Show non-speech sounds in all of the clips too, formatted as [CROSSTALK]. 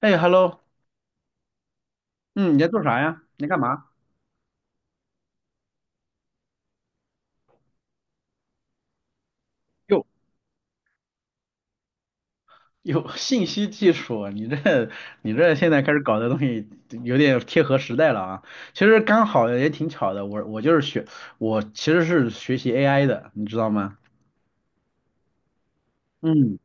哎，hello，嗯，你在做啥呀？你在干嘛？哟，有 [LAUGHS] 信息技术，你这现在开始搞的东西有点贴合时代了啊。其实刚好也挺巧的，我其实是学习 AI 的，你知道吗？嗯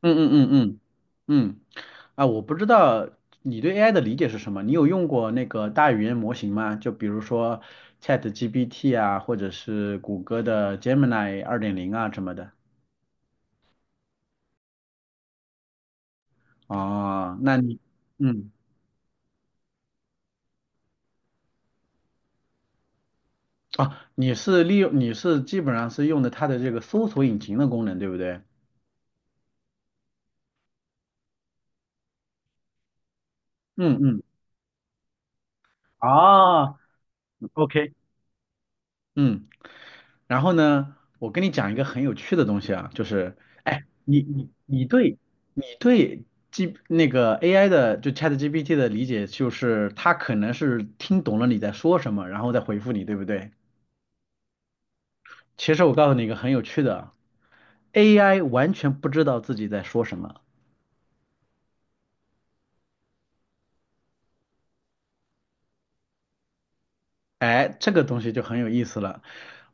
嗯嗯嗯嗯嗯，啊，我不知道你对 AI 的理解是什么？你有用过那个大语言模型吗？就比如说 ChatGPT 啊，或者是谷歌的 Gemini 2.0啊什么的。哦，那你。嗯。啊，你是基本上是用的它的这个搜索引擎的功能，对不对？嗯嗯，啊，OK，嗯，然后呢，我跟你讲一个很有趣的东西啊，就是，哎，你对 那个 AI 的就 ChatGPT 的理解，就是它可能是听懂了你在说什么，然后再回复你，对不对？其实我告诉你一个很有趣的，AI 完全不知道自己在说什么。哎，这个东西就很有意思了。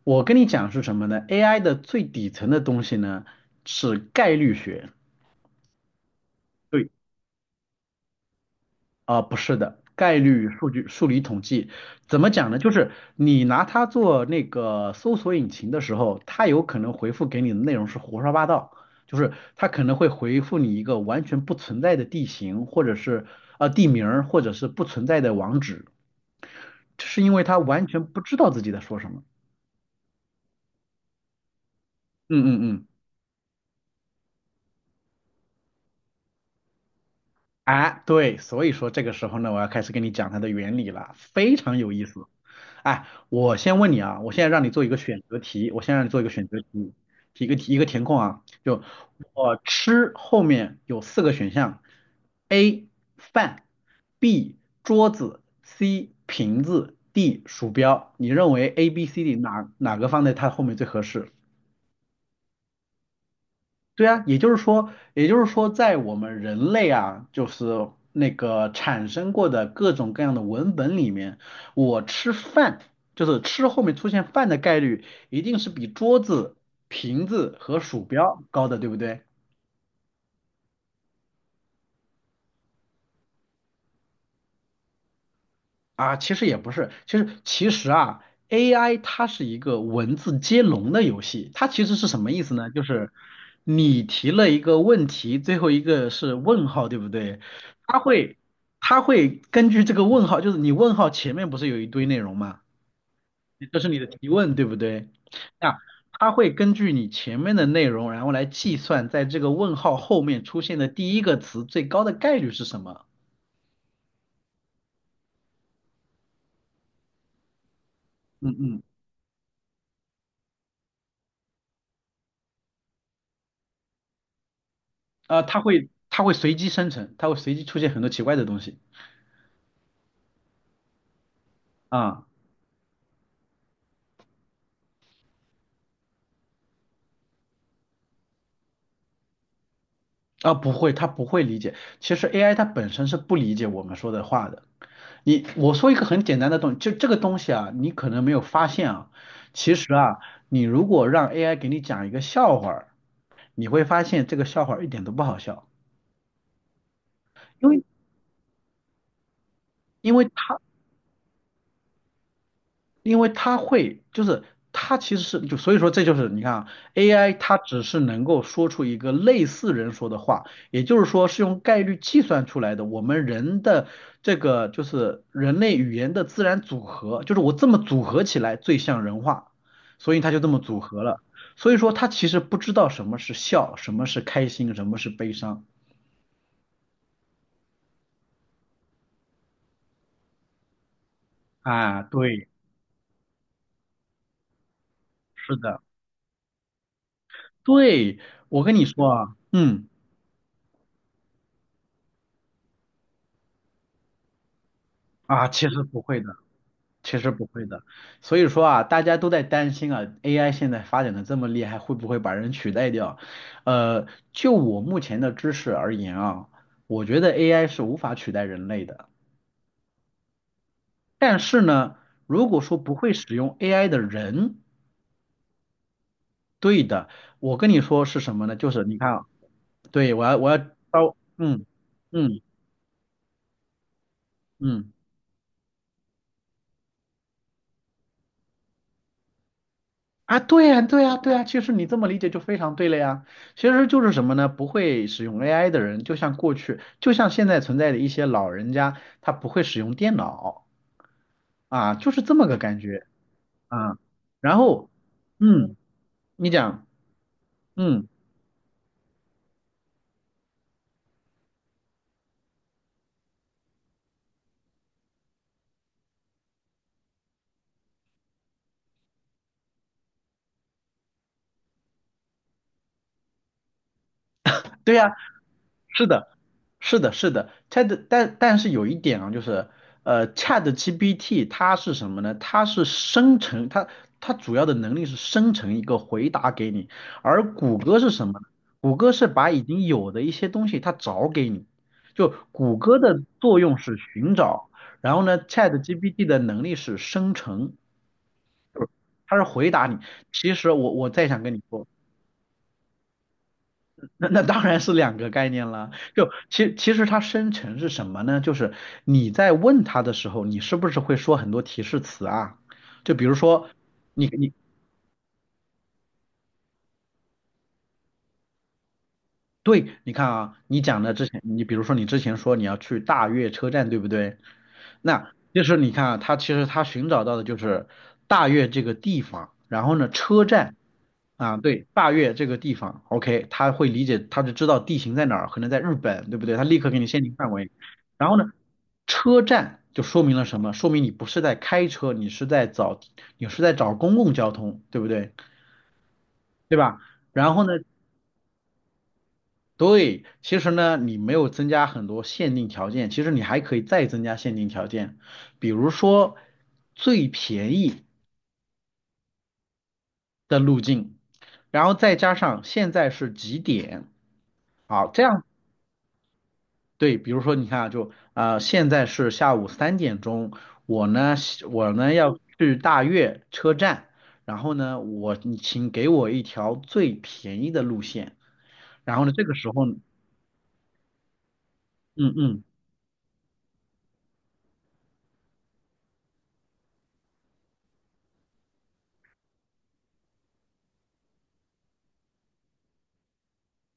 我跟你讲是什么呢？AI 的最底层的东西呢是概率学。对，啊、不是的，概率数据数理统计怎么讲呢？就是你拿它做那个搜索引擎的时候，它有可能回复给你的内容是胡说八道，就是它可能会回复你一个完全不存在的地形，或者是地名儿，或者是不存在的网址，这是因为它完全不知道自己在说什么。嗯嗯嗯哎，对，所以说这个时候呢，我要开始跟你讲它的原理了，非常有意思。哎，我先问你啊，我现在让你做一个选择题，我先让你做一个选择题，一个一个填空啊，就我吃后面有四个选项：A 饭，B 桌子，C 瓶子，D 鼠标。你认为 A、B、C、D 哪个放在它后面最合适？对啊，也就是说，也就是说，在我们人类啊，就是那个产生过的各种各样的文本里面，我吃饭，就是吃后面出现饭的概率，一定是比桌子、瓶子和鼠标高的，对不对？啊，其实也不是，其实啊，AI 它是一个文字接龙的游戏，它其实是什么意思呢？就是你提了一个问题，最后一个是问号，对不对？它会它会根据这个问号，就是你问号前面不是有一堆内容嘛，这是你的提问，对不对？那它会根据你前面的内容，然后来计算在这个问号后面出现的第一个词最高的概率是什么。嗯嗯。啊，它会随机生成，它会随机出现很多奇怪的东西啊啊，不会，它不会理解。其实 AI 它本身是不理解我们说的话的。你我说一个很简单的东西，就这个东西啊，你可能没有发现啊，其实啊，你如果让 AI 给你讲一个笑话儿你会发现这个笑话儿一点都不好笑，因为因为因为它会，就是它其实是就所以说这就是你看啊，AI 它只是能够说出一个类似人说的话，也就是说是用概率计算出来的。我们人的这个就是人类语言的自然组合，就是我这么组合起来最像人话，所以它就这么组合了。所以说它其实不知道什么是笑，什么是开心，什么是悲伤啊。对，是的，对，我跟你说啊，嗯啊，其实不会的。其实不会的，所以说啊，大家都在担心啊，AI 现在发展的这么厉害，会不会把人取代掉？呃，就我目前的知识而言啊，我觉得 AI 是无法取代人类的。但是呢，如果说不会使用 AI 的人，对的，我跟你说是什么呢？就是你看啊，对，我要招，嗯嗯嗯。啊，对呀，对呀，对呀，其实你这么理解就非常对了呀。其实就是什么呢？不会使用 AI 的人，就像过去，就像现在存在的一些老人家，他不会使用电脑啊，就是这么个感觉啊。然后，嗯，你讲，嗯，对呀，是的，是的，是的，但是有一点啊，就是，ChatGPT 它是什么呢？它是生成，它主要的能力是生成一个回答给你，而谷歌是什么呢？谷歌是把已经有的一些东西它找给你，就谷歌的作用是寻找，然后呢，ChatGPT 的能力是生成，它是回答你。其实我再想跟你说。那当然是两个概念了。就其实它生成是什么呢？就是你在问他的时候，你是不是会说很多提示词啊？就比如说你你对，你看啊，你讲的之前，你比如说你之前说你要去大悦车站，对不对？那就是你看啊，他其实他寻找到的就是大悦这个地方，然后呢，车站啊，对，大悦这个地方，OK，他会理解，他就知道地形在哪儿，可能在日本，对不对？他立刻给你限定范围。然后呢，车站就说明了什么？说明你不是在开车，你是在找，你是在找公共交通，对不对？对吧？然后呢，对，其实呢，你没有增加很多限定条件，其实你还可以再增加限定条件，比如说最便宜的路径，然后再加上现在是几点，好，这样对，比如说你看啊，就现在是下午3点钟，我呢我呢要去大悦车站，然后呢你请给我一条最便宜的路线，然后呢这个时候，嗯嗯。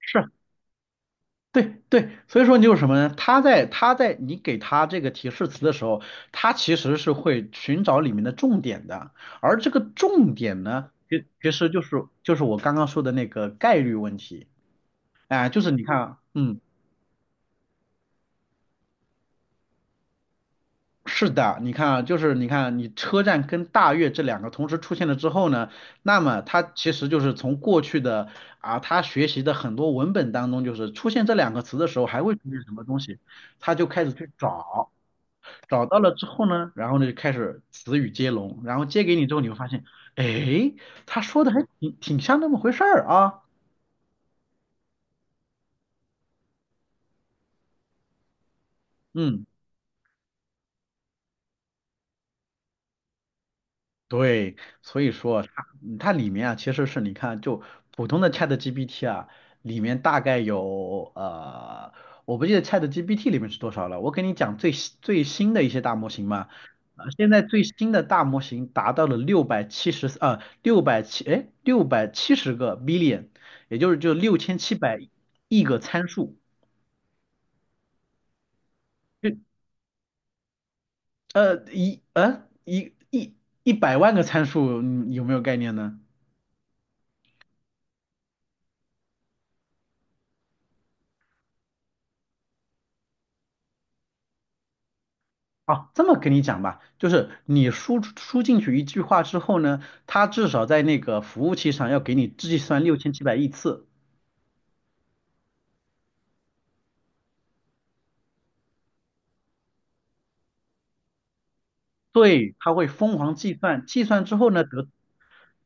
是。对对，所以说你有什么呢？他在你给他这个提示词的时候，他其实是会寻找里面的重点的，而这个重点呢，其实就是我刚刚说的那个概率问题，哎，就是你看啊，嗯，是的，你看啊，就是你看啊你车站跟大悦这两个同时出现了之后呢，那么他其实就是从过去的啊他学习的很多文本当中，就是出现这两个词的时候还会出现什么东西，他就开始去找。找到了之后呢，然后呢就开始词语接龙，然后接给你之后，你会发现，哎，他说的还挺像那么回事儿啊，嗯。对，所以说它它里面啊，其实是你看，就普通的 ChatGPT 啊，里面大概有我不记得 ChatGPT 里面是多少了。我给你讲最新最新的一些大模型嘛，现在最新的大模型达到了670 billion，也就是6700亿个参数，就呃一呃一一100万个参数，你有没有概念呢？啊，这么跟你讲吧，就是你输进去一句话之后呢，它至少在那个服务器上要给你计算6700亿次，对，它会疯狂计算，计算之后呢得，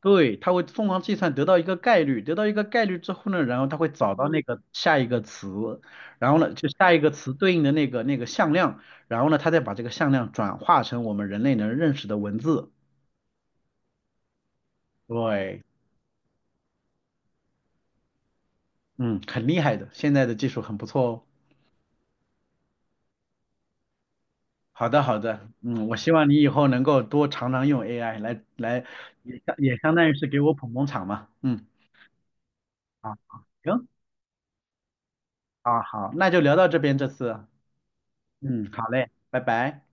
对，它会疯狂计算得到一个概率，得到一个概率之后呢，然后它会找到那个下一个词，然后呢就下一个词对应的那个向量，然后呢它再把这个向量转化成我们人类能认识的文字，对，嗯，很厉害的，现在的技术很不错哦。好的，好的，嗯，我希望你以后能够多常常用 AI 来，也相当于是给我捧捧场嘛，嗯，好，行，啊，好，那就聊到这边这次啊，嗯，好嘞，拜拜。